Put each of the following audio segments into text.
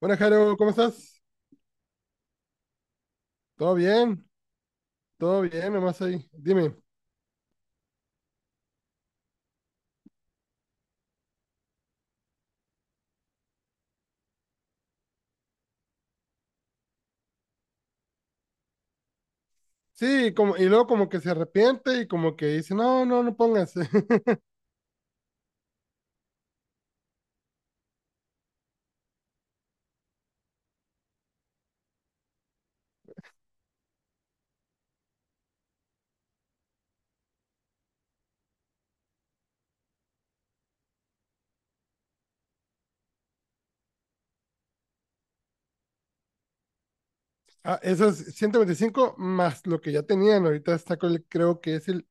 Buenas, Jaro, ¿cómo estás? ¿Todo bien? ¿Todo bien? Nomás ahí. Dime. Sí, como, y luego como que se arrepiente y como que dice, no, no, no pongas. Ah, esos 125 más lo que ya tenían, ahorita está con creo que es el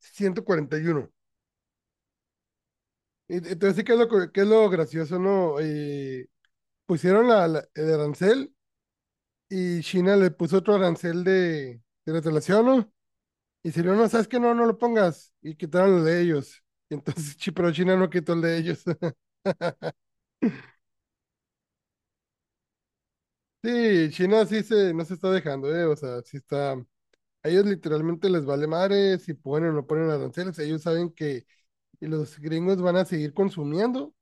141. Entonces sí que es lo que es lo gracioso, ¿no? Pusieron el arancel y China le puso otro arancel de retaliación, ¿no? Y si no, no, sabes que no, no lo pongas. Y quitaron el de ellos. Y entonces, sí, pero China no quitó el de ellos. Sí, China sí se, no se está dejando, ¿eh? O sea, sí está. A ellos literalmente les vale madre si ponen o no ponen aranceles. Ellos saben que los gringos van a seguir consumiendo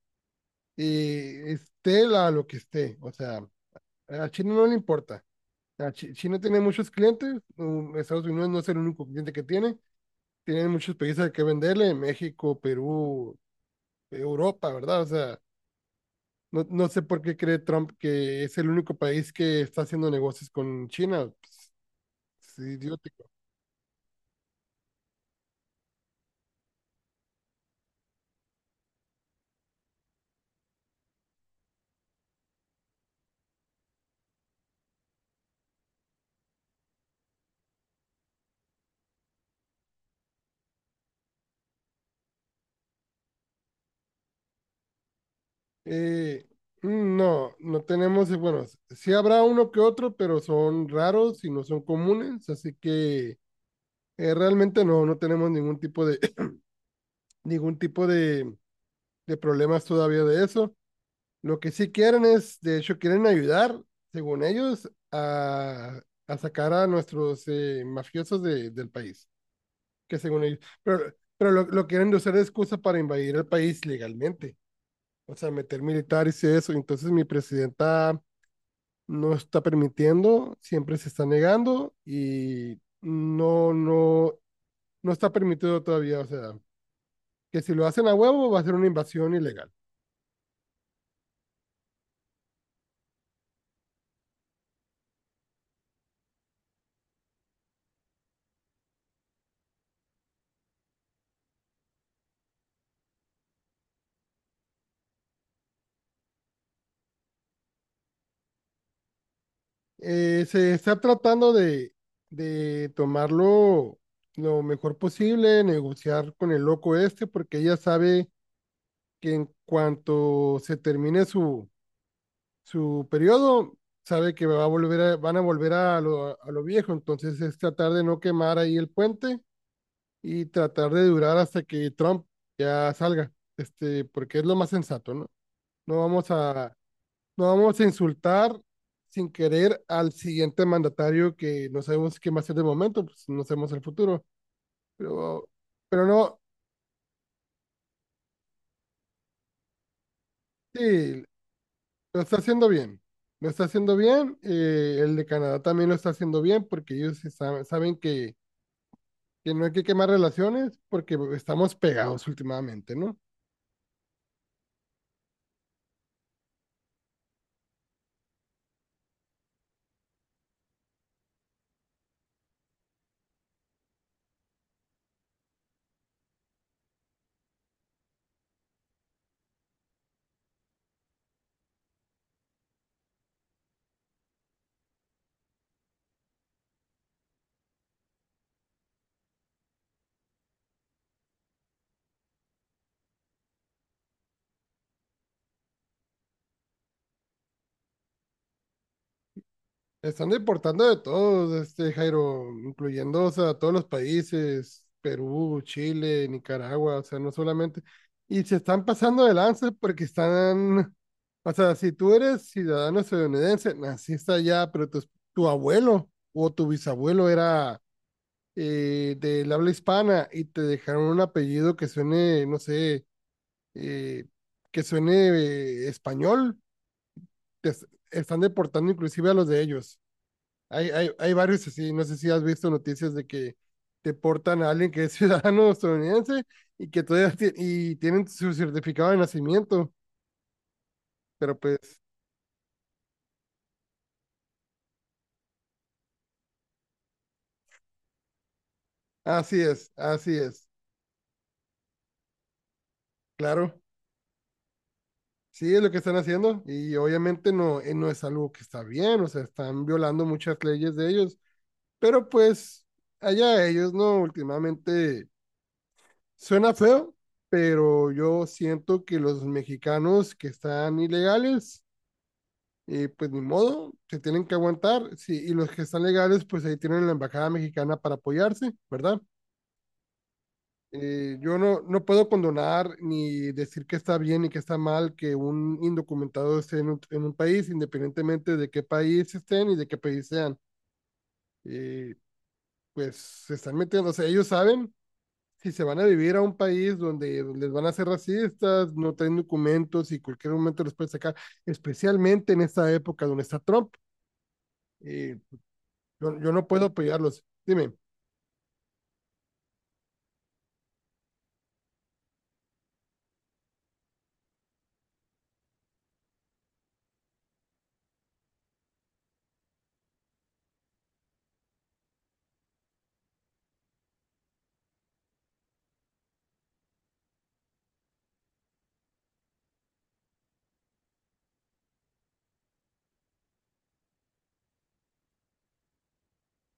y esté la, lo que esté. O sea, a China no le importa. China tiene muchos clientes. Estados Unidos no es el único cliente que tiene. Tienen muchos países que venderle: México, Perú, Europa, ¿verdad? O sea, no, no sé por qué cree Trump que es el único país que está haciendo negocios con China. Pues, sí. Eh, no, no tenemos, bueno, sí habrá uno que otro, pero son raros y no son comunes, así que realmente no, no tenemos ningún tipo de, ningún tipo de problemas todavía de eso. Lo que sí quieren es, de hecho, quieren ayudar, según ellos, a sacar a nuestros mafiosos del país, que según ellos, pero lo quieren usar de excusa para invadir el país legalmente, o sea, meter militares y eso. Entonces mi presidenta no está permitiendo, siempre se está negando y no, no, no está permitido todavía. O sea, que si lo hacen a huevo va a ser una invasión ilegal. Se está tratando de tomarlo lo mejor posible, negociar con el loco este, porque ella sabe que en cuanto se termine su periodo, sabe que va a volver a- van a volver a a lo viejo, entonces es tratar de no quemar ahí el puente y tratar de durar hasta que Trump ya salga, este, porque es lo más sensato, ¿no? No vamos a, no vamos a insultar sin querer al siguiente mandatario que no sabemos qué va a ser de momento, pues no sabemos el futuro, pero, pero no, sí, lo está haciendo bien, lo está haciendo bien, el de Canadá también lo está haciendo bien porque ellos sí saben, saben que no hay que quemar relaciones porque estamos pegados últimamente, ¿no? Están deportando de todos, este Jairo, incluyendo, o sea, todos los países, Perú, Chile, Nicaragua, o sea, no solamente. Y se están pasando de lanza porque están, o sea, si tú eres ciudadano estadounidense, naciste allá, pero tu abuelo o tu bisabuelo era del habla hispana y te dejaron un apellido que suene, no sé, eh, que suene español, te es- están deportando inclusive a los de ellos. Hay varios así, no sé si has visto noticias de que deportan a alguien que es ciudadano estadounidense y que todavía tienen su certificado de nacimiento, pero pues así es, claro, sí es lo que están haciendo y obviamente no, no es algo que está bien, o sea, están violando muchas leyes de ellos, pero pues allá ellos, ¿no? Últimamente suena feo, pero yo siento que los mexicanos que están ilegales y pues ni modo, se tienen que aguantar, sí, y los que están legales, pues ahí tienen la embajada mexicana para apoyarse, ¿verdad? Yo no, no puedo condonar ni decir que está bien y que está mal que un indocumentado esté en un país, independientemente de qué país estén y de qué país sean. Eh, pues se están metiendo, o sea, ellos saben si se van a vivir a un país donde les van a hacer racistas, no traen documentos y cualquier momento los pueden sacar, especialmente en esta época donde está Trump. Eh, Yo, yo no puedo apoyarlos. Dime,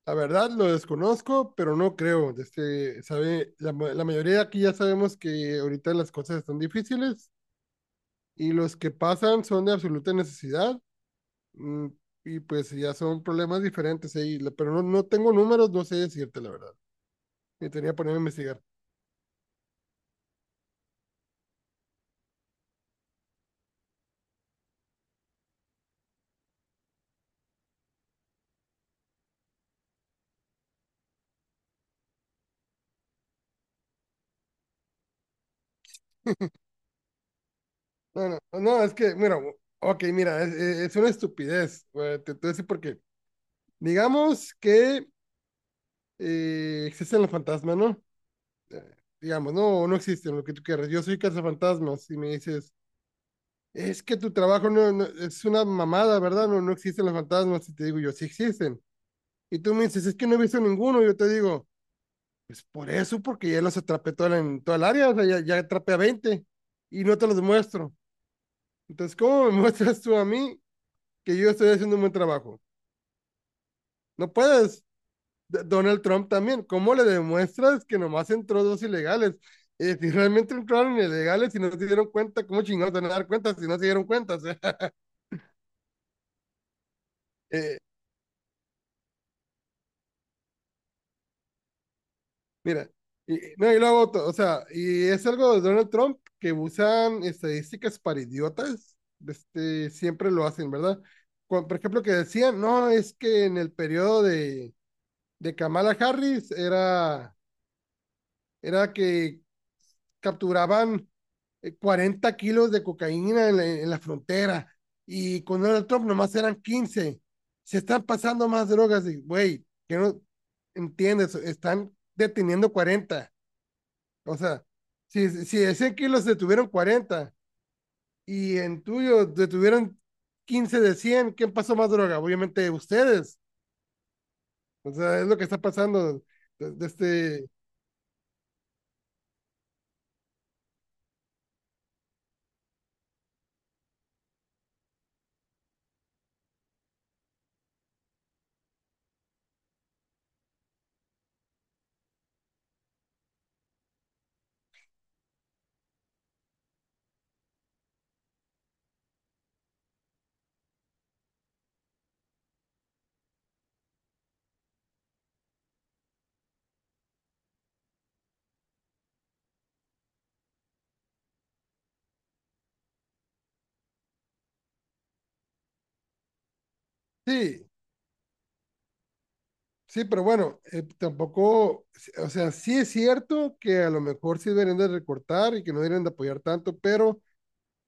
la verdad lo desconozco, pero no creo. Este, sabe, la mayoría de aquí ya sabemos que ahorita las cosas están difíciles y los que pasan son de absoluta necesidad mm, y pues ya son problemas diferentes ahí, pero no, no tengo números, no sé decirte la verdad. Me tenía que ponerme a investigar. No, no, no, es que, mira, ok, mira, es una estupidez. Güey, te voy a decir por qué. Digamos que existen los fantasmas, ¿no? eh, digamos, no, no existen, lo que tú quieras. Yo soy cazafantasmas y me dices, es que tu trabajo es una mamada, ¿verdad? No, no existen los fantasmas. Y te digo yo, sí existen. Y tú me dices, es que no he visto ninguno. Y yo te digo, pues por eso, porque ya los atrapé en toda el área, o sea, ya atrapé a 20 y no te los muestro. Entonces, ¿cómo me muestras tú a mí que yo estoy haciendo un buen trabajo? No puedes, Donald Trump también. ¿Cómo le demuestras que nomás entró dos ilegales? Si realmente entraron ilegales y no se dieron cuenta, ¿cómo chingados van a dar cuenta si no se dieron cuenta? O sea, eh, mira, y, no, y lo hago o sea, y es algo de Donald Trump que usan estadísticas para idiotas, este, siempre lo hacen, ¿verdad? Cuando, por ejemplo, que decían, no, es que en el periodo de Kamala Harris era que capturaban 40 kilos de cocaína en en la frontera y con Donald Trump nomás eran 15. Se están pasando más drogas, güey, que no entiendes, están deteniendo 40. O sea, si, si de 100 kilos detuvieron 40 y en tuyo detuvieron 15 de 100, ¿quién pasó más droga? Obviamente ustedes. O sea, es lo que está pasando. De, de este, sí. Sí, pero bueno, tampoco, o sea, sí es cierto que a lo mejor sí deberían de recortar y que no deberían de apoyar tanto, pero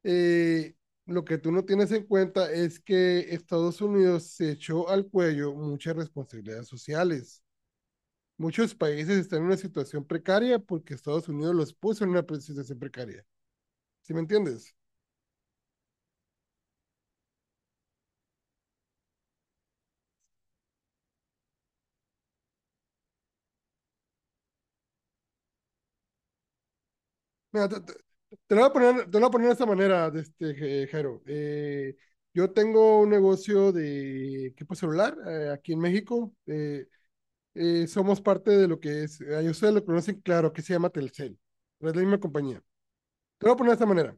eh, lo que tú no tienes en cuenta es que Estados Unidos se echó al cuello muchas responsabilidades sociales. Muchos países están en una situación precaria porque Estados Unidos los puso en una situación precaria. ¿Sí me entiendes? Mira, te lo voy a poner, te lo voy a poner de esta manera, de este, Jairo. Yo tengo un negocio de equipo celular aquí en México. Somos parte de lo que es, ustedes lo conocen claro, que se llama Telcel, pero es la misma compañía. Te lo voy a poner de esta manera.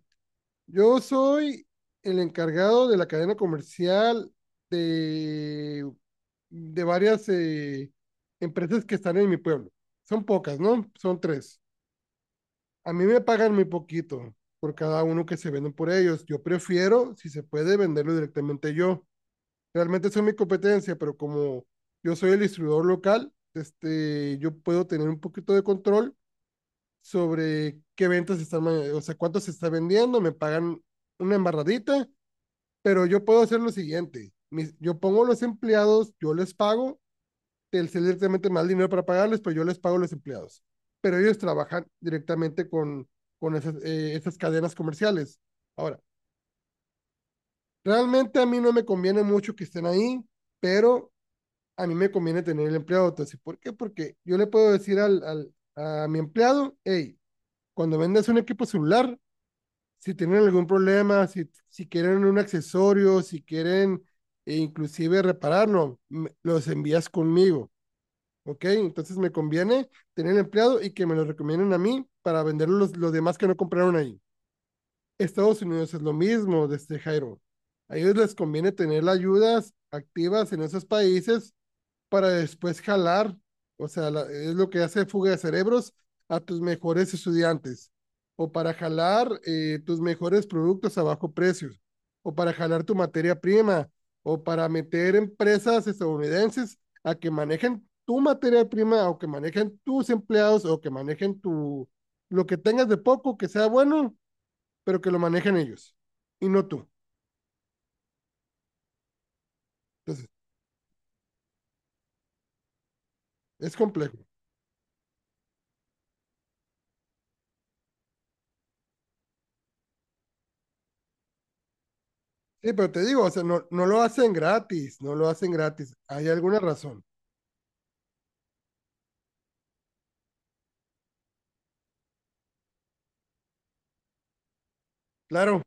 Yo soy el encargado de la cadena comercial de, de varias empresas que están en mi pueblo. Son pocas, ¿no? Son tres. A mí me pagan muy poquito por cada uno que se venden por ellos. Yo prefiero, si se puede, venderlo directamente yo. Realmente son mi competencia, pero como yo soy el distribuidor local, este, yo puedo tener un poquito de control sobre qué ventas están, o sea, cuánto se está vendiendo, me pagan una embarradita, pero yo puedo hacer lo siguiente. Yo pongo los empleados, yo les pago Telcel directamente más dinero para pagarles, pero yo les pago a los empleados. Pero ellos trabajan directamente con esas, esas cadenas comerciales. Ahora, realmente a mí no me conviene mucho que estén ahí, pero a mí me conviene tener el empleado. Entonces, ¿por qué? Porque yo le puedo decir al, al a mi empleado, hey, cuando vendas un equipo celular, si tienen algún problema, si, si quieren un accesorio, si quieren e inclusive repararlo, los envías conmigo. Ok, entonces me conviene tener empleado y que me lo recomienden a mí para vender los demás que no compraron ahí. Estados Unidos es lo mismo, desde Jairo. A ellos les conviene tener las ayudas activas en esos países para después jalar, o sea, es lo que hace fuga de cerebros a tus mejores estudiantes, o para jalar tus mejores productos a bajo precio, o para jalar tu materia prima, o para meter empresas estadounidenses a que manejen tu materia prima, o que manejen tus empleados, o que manejen tu, lo que tengas de poco, que sea bueno, pero que lo manejen ellos y no tú. Entonces, es complejo. Sí, pero te digo, o sea, no, no lo hacen gratis, no lo hacen gratis. Hay alguna razón. Claro,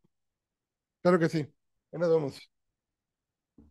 claro que sí. Ya nos vemos.